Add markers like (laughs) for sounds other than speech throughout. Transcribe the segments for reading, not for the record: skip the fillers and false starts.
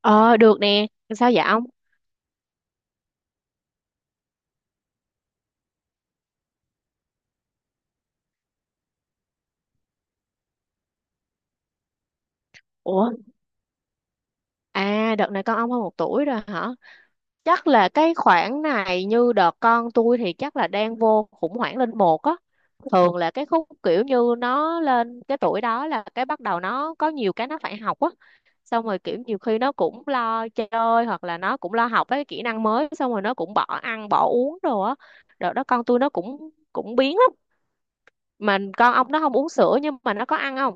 Ờ được nè, sao vậy ông? Ủa, à đợt này con ông hơn một tuổi rồi hả? Chắc là cái khoảng này như đợt con tôi thì chắc là đang vô khủng hoảng lên một á. Thường là cái khúc kiểu như nó lên cái tuổi đó là cái bắt đầu nó có nhiều cái nó phải học á. Xong rồi kiểu nhiều khi nó cũng lo chơi hoặc là nó cũng lo học với kỹ năng mới xong rồi nó cũng bỏ ăn bỏ uống đồ á. Đợt đó con tôi nó cũng cũng biến lắm. Mà con ông nó không uống sữa nhưng mà nó có ăn không?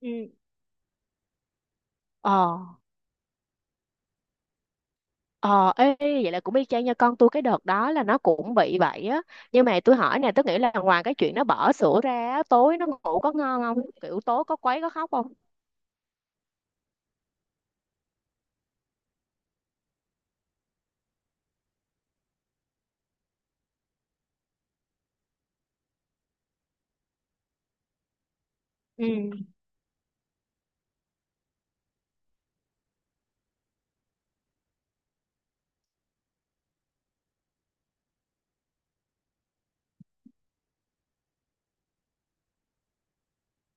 Ừ. Ờ. Ờ, ê, ê, vậy là cũng y chang nha, con tôi cái đợt đó là nó cũng bị vậy á, nhưng mà tôi hỏi nè, tôi nghĩ là ngoài cái chuyện nó bỏ sữa ra á, tối nó ngủ có ngon không, kiểu tối có quấy có khóc không?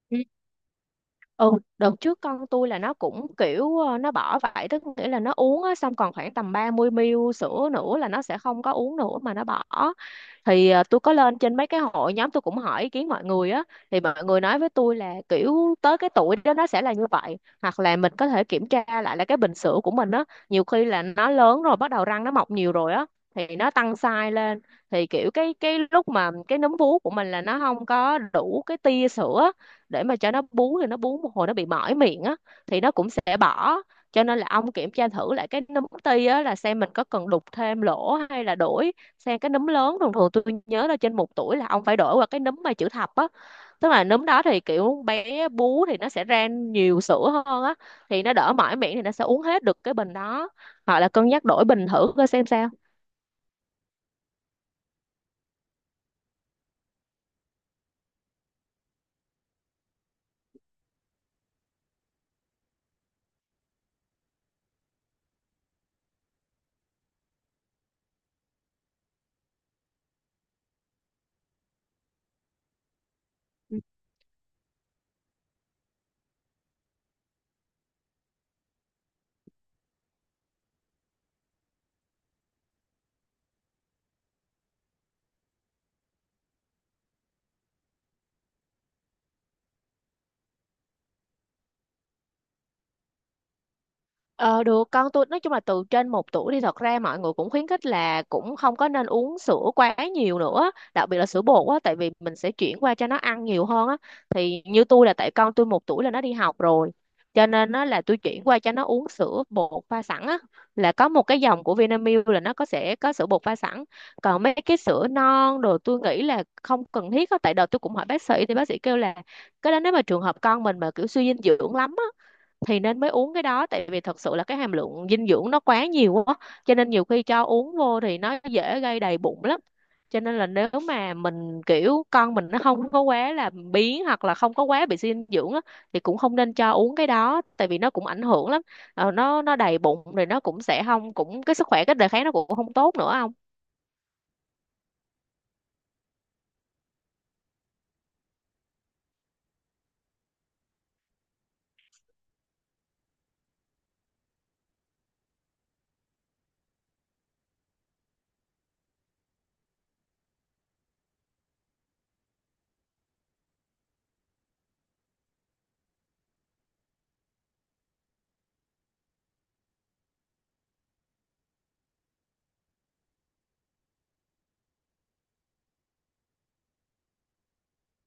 Ừ. Ừ, đợt trước con tôi là nó cũng kiểu nó bỏ vậy, tức nghĩa là nó uống á, xong còn khoảng tầm 30ml sữa nữa là nó sẽ không có uống nữa mà nó bỏ. Thì tôi có lên trên mấy cái hội nhóm tôi cũng hỏi ý kiến mọi người á, thì mọi người nói với tôi là kiểu tới cái tuổi đó nó sẽ là như vậy, hoặc là mình có thể kiểm tra lại là cái bình sữa của mình á. Nhiều khi là nó lớn rồi bắt đầu răng nó mọc nhiều rồi á thì nó tăng size lên, thì kiểu cái lúc mà cái núm vú của mình là nó không có đủ cái tia sữa để mà cho nó bú, thì nó bú một hồi nó bị mỏi miệng á thì nó cũng sẽ bỏ. Cho nên là ông kiểm tra thử lại cái núm ti á, là xem mình có cần đục thêm lỗ hay là đổi sang cái núm lớn. Thường thường tôi nhớ là trên một tuổi là ông phải đổi qua cái núm mà chữ thập á, tức là núm đó thì kiểu bé bú thì nó sẽ ra nhiều sữa hơn á thì nó đỡ mỏi miệng thì nó sẽ uống hết được cái bình đó. Hoặc là cân nhắc đổi bình thử coi xem sao. Ờ được. Con tôi nói chung là từ trên một tuổi thì thật ra mọi người cũng khuyến khích là cũng không có nên uống sữa quá nhiều nữa, đặc biệt là sữa bột á, tại vì mình sẽ chuyển qua cho nó ăn nhiều hơn á. Thì như tôi là tại con tôi một tuổi là nó đi học rồi, cho nên nó là tôi chuyển qua cho nó uống sữa bột pha sẵn á, là có một cái dòng của Vinamilk là nó có, sẽ có sữa bột pha sẵn. Còn mấy cái sữa non đồ tôi nghĩ là không cần thiết á, tại đợt tôi cũng hỏi bác sĩ thì bác sĩ kêu là cái đó nếu mà trường hợp con mình mà kiểu suy dinh dưỡng lắm thì nên mới uống cái đó, tại vì thật sự là cái hàm lượng dinh dưỡng nó quá nhiều quá, cho nên nhiều khi cho uống vô thì nó dễ gây đầy bụng lắm. Cho nên là nếu mà mình kiểu con mình nó không có quá là biếng hoặc là không có quá bị suy dinh dưỡng á, thì cũng không nên cho uống cái đó tại vì nó cũng ảnh hưởng lắm. Ờ, nó đầy bụng rồi nó cũng sẽ không, cũng cái sức khỏe cái đề kháng nó cũng không tốt nữa không.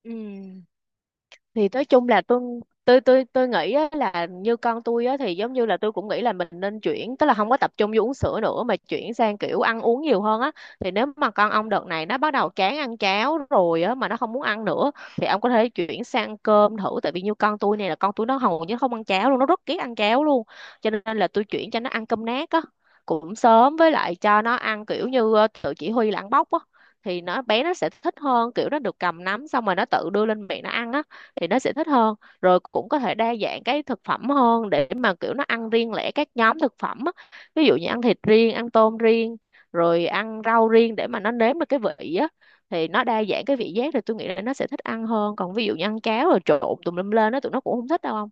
Ừ. Thì nói chung là tôi nghĩ á, là như con tôi á, thì giống như là tôi cũng nghĩ là mình nên chuyển, tức là không có tập trung vô uống sữa nữa mà chuyển sang kiểu ăn uống nhiều hơn á. Thì nếu mà con ông đợt này nó bắt đầu chán ăn cháo rồi á mà nó không muốn ăn nữa, thì ông có thể chuyển sang cơm thử, tại vì như con tôi này là con tôi nó hầu như không ăn cháo luôn, nó rất ghét ăn cháo luôn, cho nên là tôi chuyển cho nó ăn cơm nát á, cũng sớm, với lại cho nó ăn kiểu như tự chỉ huy là ăn bóc á, thì nó bé nó sẽ thích hơn, kiểu nó được cầm nắm xong rồi nó tự đưa lên miệng nó ăn á thì nó sẽ thích hơn. Rồi cũng có thể đa dạng cái thực phẩm hơn để mà kiểu nó ăn riêng lẻ các nhóm thực phẩm á. Ví dụ như ăn thịt riêng, ăn tôm riêng, rồi ăn rau riêng, để mà nó nếm được cái vị á thì nó đa dạng cái vị giác thì tôi nghĩ là nó sẽ thích ăn hơn. Còn ví dụ như ăn cháo rồi trộn tùm lum lên á tụi nó cũng không thích đâu không?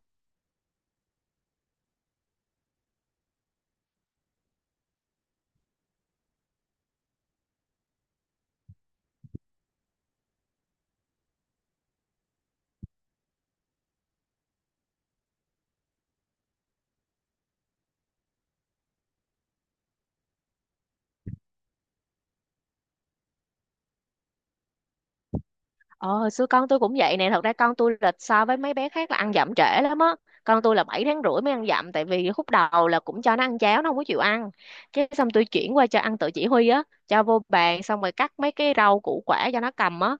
Ờ, xưa con tôi cũng vậy nè. Thật ra con tôi là so với mấy bé khác là ăn dặm trễ lắm á. Con tôi là 7 tháng rưỡi mới ăn dặm, tại vì khúc đầu là cũng cho nó ăn cháo nó không có chịu ăn. Cái xong tôi chuyển qua cho ăn tự chỉ huy á, cho vô bàn xong rồi cắt mấy cái rau củ quả cho nó cầm á.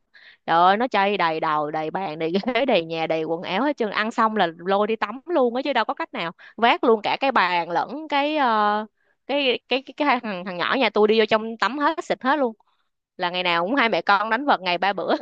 Trời ơi, nó chơi đầy đầu, đầy bàn, đầy (laughs) ghế, đầy nhà, đầy quần áo hết trơn. Ăn xong là lôi đi tắm luôn á chứ đâu có cách nào. Vác luôn cả cái bàn lẫn cái cái thằng thằng nhỏ nhà tôi đi vô trong tắm hết, xịt hết luôn. Là ngày nào cũng hai mẹ con đánh vật ngày ba bữa. (laughs)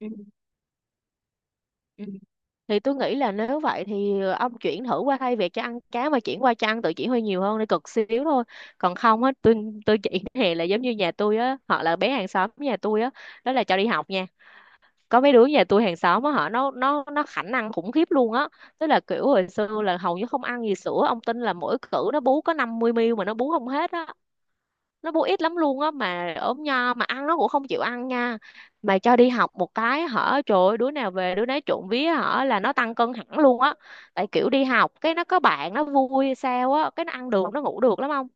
Ừ. Ừ. Thì tôi nghĩ là nếu vậy thì ông chuyển thử qua, thay vì cho ăn cá mà chuyển qua cho ăn tự chỉ huy nhiều hơn, để cực xíu thôi. Còn không á tôi chuyển (laughs) hè, là giống như nhà tôi á, họ là bé hàng xóm nhà tôi á, đó là cho đi học nha. Có mấy đứa nhà tôi hàng xóm á họ nó khả năng khủng khiếp luôn á, tức là kiểu hồi xưa là hầu như không ăn gì, sữa ông tin là mỗi cữ nó bú có 50ml mà nó bú không hết á, nó bu ít lắm luôn á, mà ốm nho mà ăn nó cũng không chịu ăn nha. Mà cho đi học một cái hở, trời ơi, đứa nào về đứa nấy trộn vía hở là nó tăng cân hẳn luôn á, tại kiểu đi học cái nó có bạn nó vui hay sao á cái nó ăn được nó ngủ được lắm không.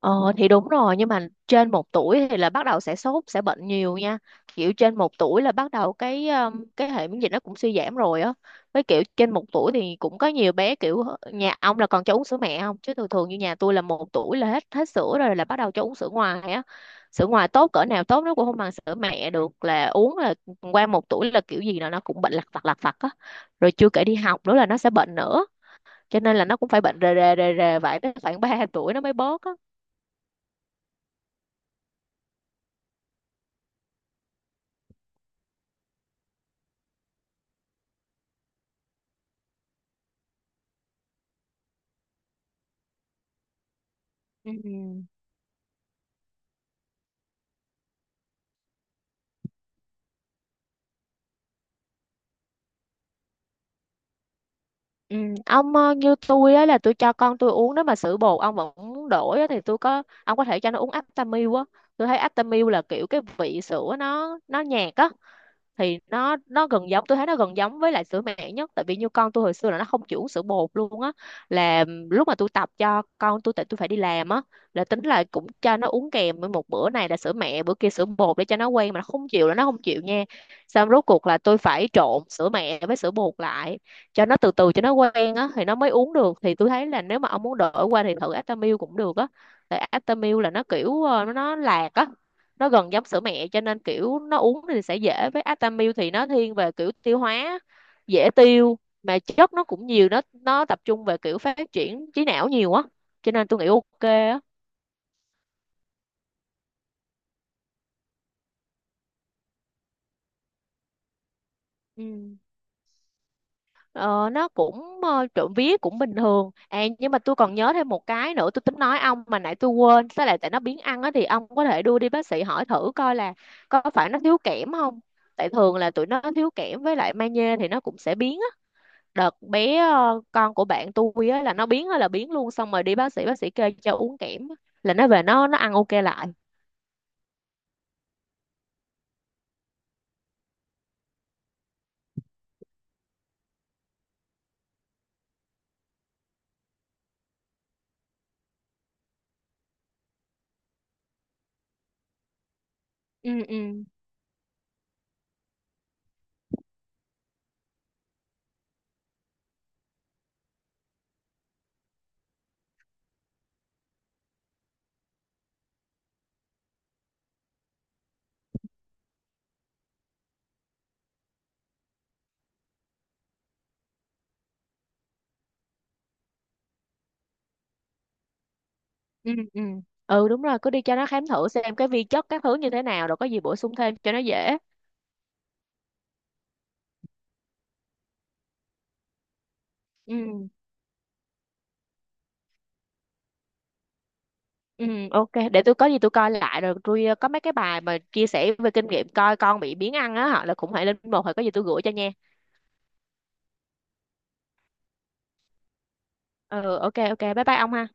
Ờ thì đúng rồi, nhưng mà trên một tuổi thì là bắt đầu sẽ sốt sẽ bệnh nhiều nha, kiểu trên một tuổi là bắt đầu cái hệ miễn dịch nó cũng suy giảm rồi á. Với kiểu trên một tuổi thì cũng có nhiều bé kiểu nhà ông là còn cho uống sữa mẹ không, chứ thường thường như nhà tôi là một tuổi là hết hết sữa rồi, là bắt đầu cho uống sữa ngoài á. Sữa ngoài tốt cỡ nào tốt nó cũng không bằng sữa mẹ được, là uống là qua một tuổi là kiểu gì là nó cũng bệnh lặt vặt á, rồi chưa kể đi học nữa là nó sẽ bệnh nữa, cho nên là nó cũng phải bệnh rề rề rề rề vậy tới khoảng ba tuổi nó mới bớt á. Ừ. Ừ. Ông như tôi á là tôi cho con tôi uống, nếu mà sữa bột ông vẫn muốn đổi á, thì tôi có ông có thể cho nó uống Aptamil á. Tôi thấy Aptamil là kiểu cái vị sữa nó nhạt á, thì nó gần giống, tôi thấy nó gần giống với lại sữa mẹ nhất, tại vì như con tôi hồi xưa là nó không chưởng sữa bột luôn á. Là lúc mà tôi tập cho con tôi, tại tôi phải đi làm á, là tính là cũng cho nó uống kèm với một bữa này là sữa mẹ bữa kia sữa bột để cho nó quen, mà nó không chịu là nó không chịu nha. Xong rốt cuộc là tôi phải trộn sữa mẹ với sữa bột lại cho nó từ từ cho nó quen á thì nó mới uống được. Thì tôi thấy là nếu mà ông muốn đổi qua thì thử Aptamil cũng được á, tại Aptamil là nó kiểu nó lạc á, nó gần giống sữa mẹ cho nên kiểu nó uống thì sẽ dễ. Với Atamil thì nó thiên về kiểu tiêu hóa, dễ tiêu, mà chất nó cũng nhiều, nó tập trung về kiểu phát triển trí não nhiều á, cho nên tôi nghĩ ok á. Ừ. Ờ, nó cũng trộm vía cũng bình thường à, nhưng mà tôi còn nhớ thêm một cái nữa tôi tính nói ông mà nãy tôi quên. Với lại tại nó biến ăn á thì ông có thể đưa đi bác sĩ hỏi thử coi là có phải nó thiếu kẽm không, tại thường là tụi nó thiếu kẽm với lại magie thì nó cũng sẽ biến. Đợt bé con của bạn tôi á là nó biến á là biến luôn, xong rồi đi bác sĩ, bác sĩ kê cho uống kẽm á, là nó về nó ăn ok lại. Ừ. Ừ. ừ Ừ đúng rồi, cứ đi cho nó khám thử xem cái vi chất các thứ như thế nào rồi có gì bổ sung thêm cho nó dễ. Ừ. Ừ. Ok, để tôi có gì tôi coi lại rồi tôi có mấy cái bài mà chia sẻ về kinh nghiệm coi con bị biến ăn á, họ là cũng hãy lên một hồi, có gì tôi gửi cho nha. Ừ. Ok, ok, bye bye ông ha.